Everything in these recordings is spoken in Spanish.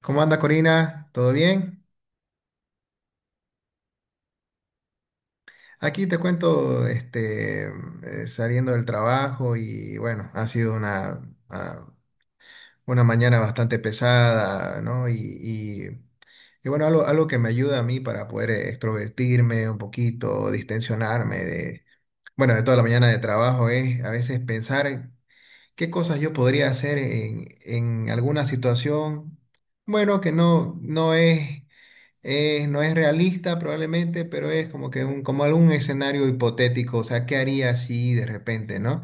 ¿Cómo anda Corina? ¿Todo bien? Aquí te cuento, saliendo del trabajo y bueno, ha sido ah, una mañana bastante pesada, ¿no? Bueno, algo que me ayuda a mí para poder extrovertirme un poquito, distensionarme bueno, de toda la mañana de trabajo es a veces pensar qué cosas yo podría hacer en alguna situación, bueno, que no, no es no es realista probablemente, pero es como como algún escenario hipotético, o sea, ¿qué haría si de repente, no?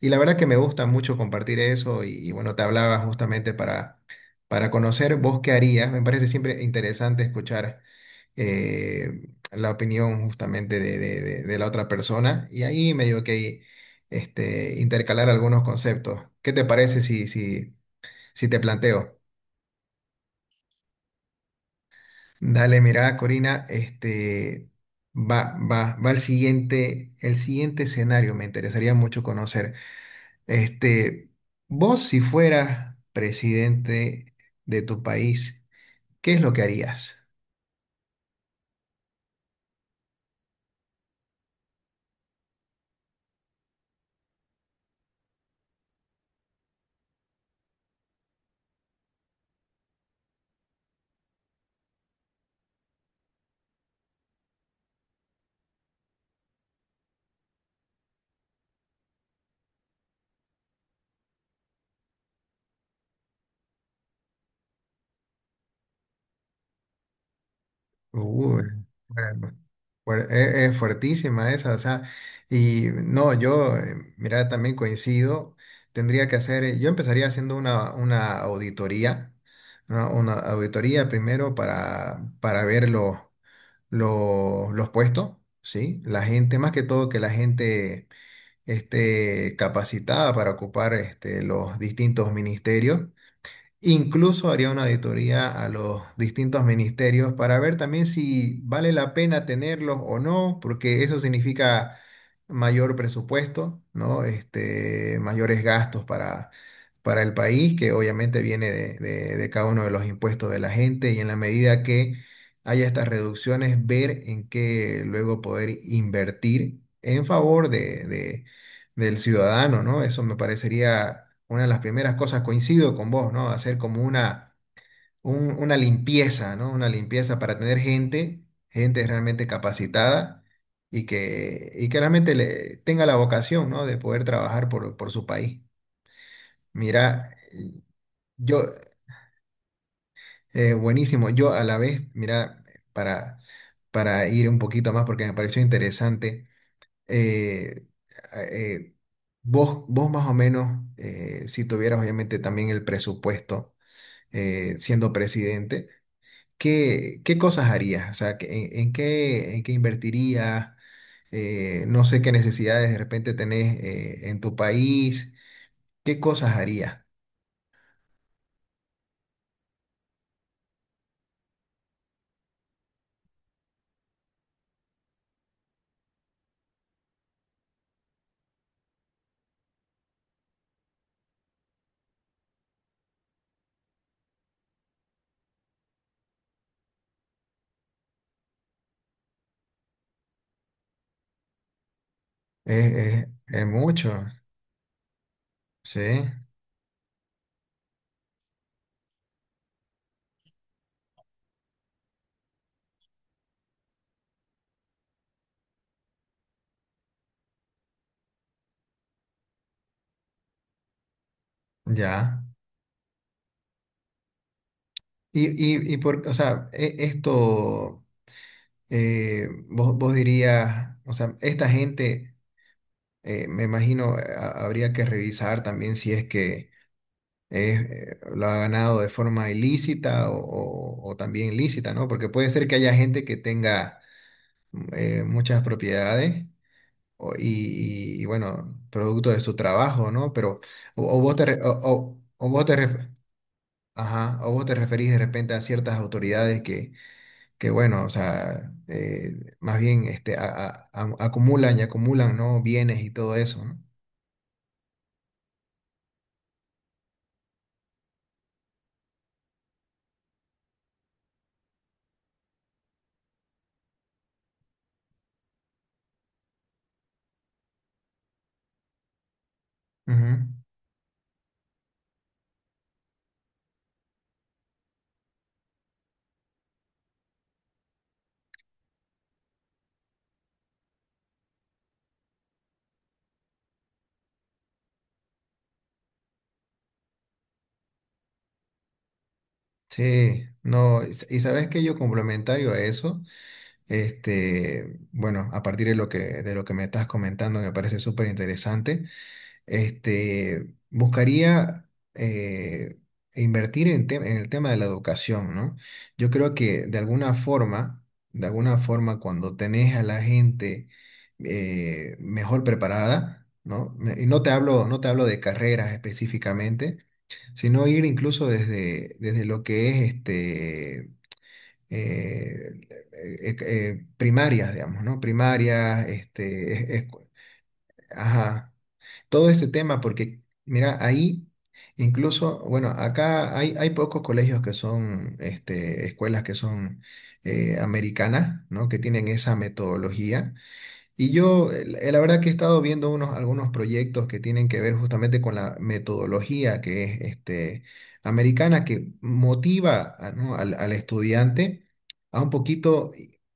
Y la verdad que me gusta mucho compartir eso y bueno, te hablaba justamente para conocer vos qué harías. Me parece siempre interesante escuchar la opinión justamente de la otra persona y ahí medio que este, intercalar algunos conceptos. ¿Qué te parece si te planteo? Dale, mira, Corina, este va el siguiente escenario. Me interesaría mucho conocer. Este, vos, si fueras presidente de tu país, ¿qué es lo que harías? Uy, bueno, es fuertísima esa, o sea, y no, yo, mira, también coincido. Tendría que hacer, yo empezaría haciendo una auditoría, ¿no? Una auditoría primero para verlo los puestos, ¿sí? La gente, más que todo, que la gente esté capacitada para ocupar este, los distintos ministerios. Incluso haría una auditoría a los distintos ministerios para ver también si vale la pena tenerlos o no, porque eso significa mayor presupuesto, ¿no? Este, mayores gastos para el país, que obviamente viene de cada uno de los impuestos de la gente, y en la medida que haya estas reducciones, ver en qué luego poder invertir en favor de del ciudadano, ¿no? Eso me parecería una de las primeras cosas. Coincido con vos, ¿no? Hacer como una, una limpieza, ¿no? Una limpieza para tener gente realmente capacitada y que realmente le, tenga la vocación, ¿no? De poder trabajar por su país. Mira, yo, buenísimo, yo a la vez, mira, para, para ir un poquito más porque me pareció interesante. eh, eh, vos más o menos, si tuvieras obviamente también el presupuesto siendo presidente, ¿ qué cosas harías? O sea, ¿ en qué invertirías? No sé qué necesidades de repente tenés en tu país. ¿Qué cosas harías? Es mucho, sí, ya. Y, y por, o sea, esto, vos, vos dirías, o sea, esta gente. Me imagino habría que revisar también si es que lo ha ganado de forma ilícita o también lícita, ¿no? Porque puede ser que haya gente que tenga muchas propiedades y, bueno, producto de su trabajo, ¿no? Pero o vos te ajá, o vos te referís de repente a ciertas autoridades que bueno, o sea, más bien este, acumulan y acumulan, ¿no? Bienes y todo eso, ¿no? Ujú. Sí, no, y sabes que yo complementario a eso, este, bueno, a partir de lo que me estás comentando, me parece súper interesante, este, buscaría invertir en, en el tema de la educación, ¿no? Yo creo que de alguna forma, cuando tenés a la gente mejor preparada, ¿no? Y no te hablo, no te hablo de carreras específicamente, sino ir incluso desde lo que es este, eh, primarias, digamos, ¿no? Primarias, este, ajá, todo este tema, porque mira, ahí incluso, bueno, acá hay pocos colegios que son, este, escuelas que son americanas, ¿no? Que tienen esa metodología y yo, la verdad que he estado viendo unos, algunos proyectos que tienen que ver justamente con la metodología que es este, americana, que motiva ¿no? Al estudiante a un poquito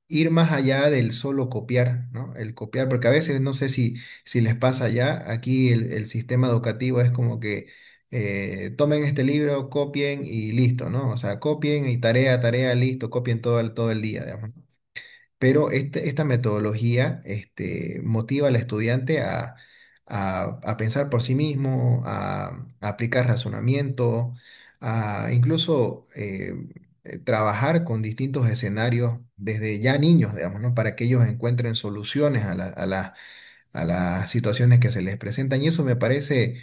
ir más allá del solo copiar, ¿no? El copiar, porque a veces no sé si les pasa ya, aquí el sistema educativo es como que tomen este libro, copien y listo, ¿no? O sea, copien y tarea, tarea, listo, copien todo el día, digamos, ¿no? Pero esta metodología este, motiva al estudiante a, a pensar por sí mismo, a aplicar razonamiento, a incluso trabajar con distintos escenarios desde ya niños, digamos, ¿no? Para que ellos encuentren soluciones a las situaciones que se les presentan. Y eso me parece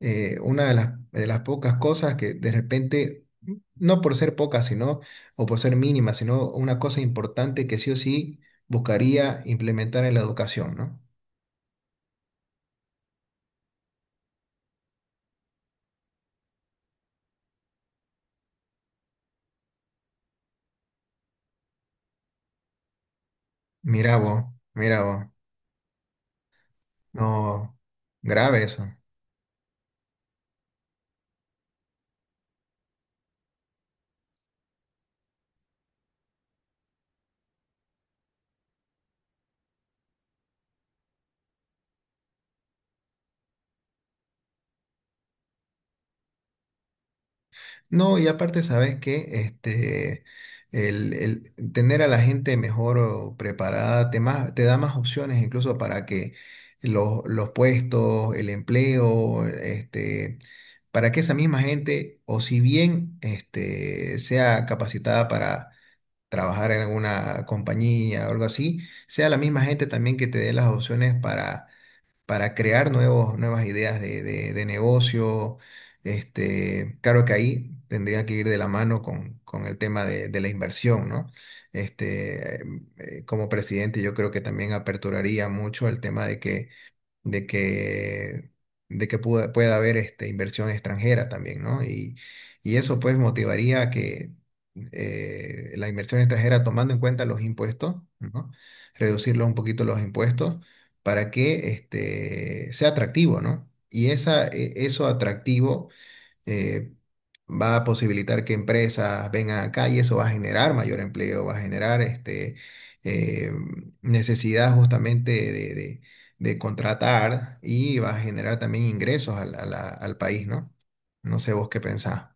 una de las pocas cosas que de repente, no por ser pocas, sino, o por ser mínima, sino una cosa importante que sí o sí buscaría implementar en la educación, ¿no? Mira vos, mira vos, no, grave eso. No, y aparte, ¿sabes qué? Este, el tener a la gente mejor o preparada te, más, te da más opciones incluso para que los puestos, el empleo, este, para que esa misma gente, o si bien este, sea capacitada para trabajar en alguna compañía o algo así, sea la misma gente también que te dé las opciones para crear nuevos, nuevas ideas de negocio. Este, claro que ahí tendría que ir de la mano con el tema de la inversión, ¿no? Este, como presidente, yo creo que también aperturaría mucho el tema de que de que, de que pueda haber este, inversión extranjera también, ¿no? Y eso pues motivaría que la inversión extranjera, tomando en cuenta los impuestos, ¿no? Reducirlo un poquito los impuestos para que este, sea atractivo, ¿no? Y esa, eso atractivo eh, va a posibilitar que empresas vengan acá y eso va a generar mayor empleo, va a generar este, eh, necesidad justamente de contratar y va a generar también ingresos al país, ¿no? No sé vos qué pensás.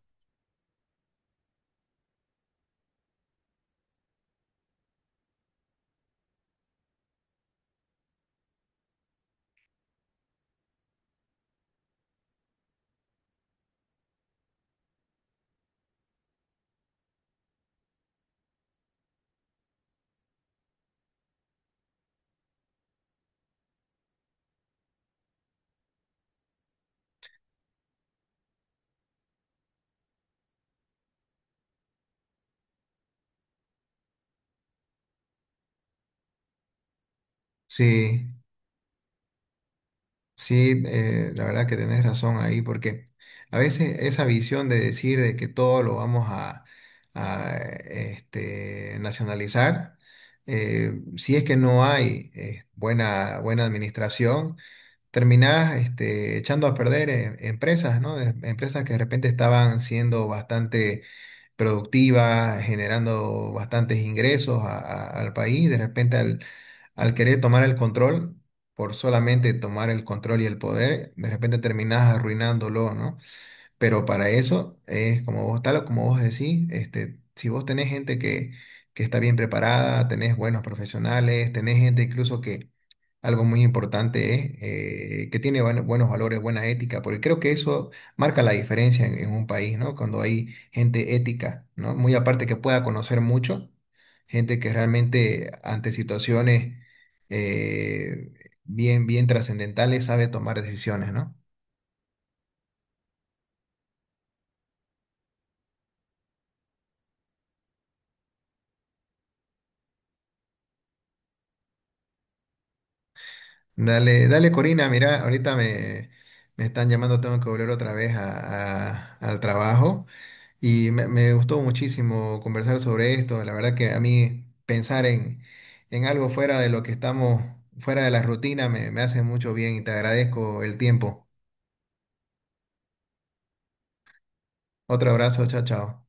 Sí. Sí, la verdad que tenés razón ahí, porque a veces esa visión de decir de que todo lo vamos este, nacionalizar, si es que no hay buena administración, terminás este, echando a perder empresas, ¿no? Empresas que de repente estaban siendo bastante productiva, generando bastantes ingresos al país. De repente, al querer tomar el control, por solamente tomar el control y el poder, de repente terminás arruinándolo, ¿no? Pero para eso es como vos, tal o como vos decís, este, si vos tenés gente que está bien preparada, tenés buenos profesionales, tenés gente incluso que algo muy importante es que tiene buenos valores, buena ética, porque creo que eso marca la diferencia en un país, ¿no? Cuando hay gente ética, ¿no? Muy aparte que pueda conocer mucho, gente que realmente ante situaciones eh, bien trascendentales sabe tomar decisiones, ¿no? Dale, dale Corina, mira, me están llamando, tengo que volver otra vez al trabajo me gustó muchísimo conversar sobre esto. La verdad que a mí pensar en algo fuera de lo que estamos, fuera de la rutina, me hace mucho bien y te agradezco el tiempo. Otro abrazo, chao, chao.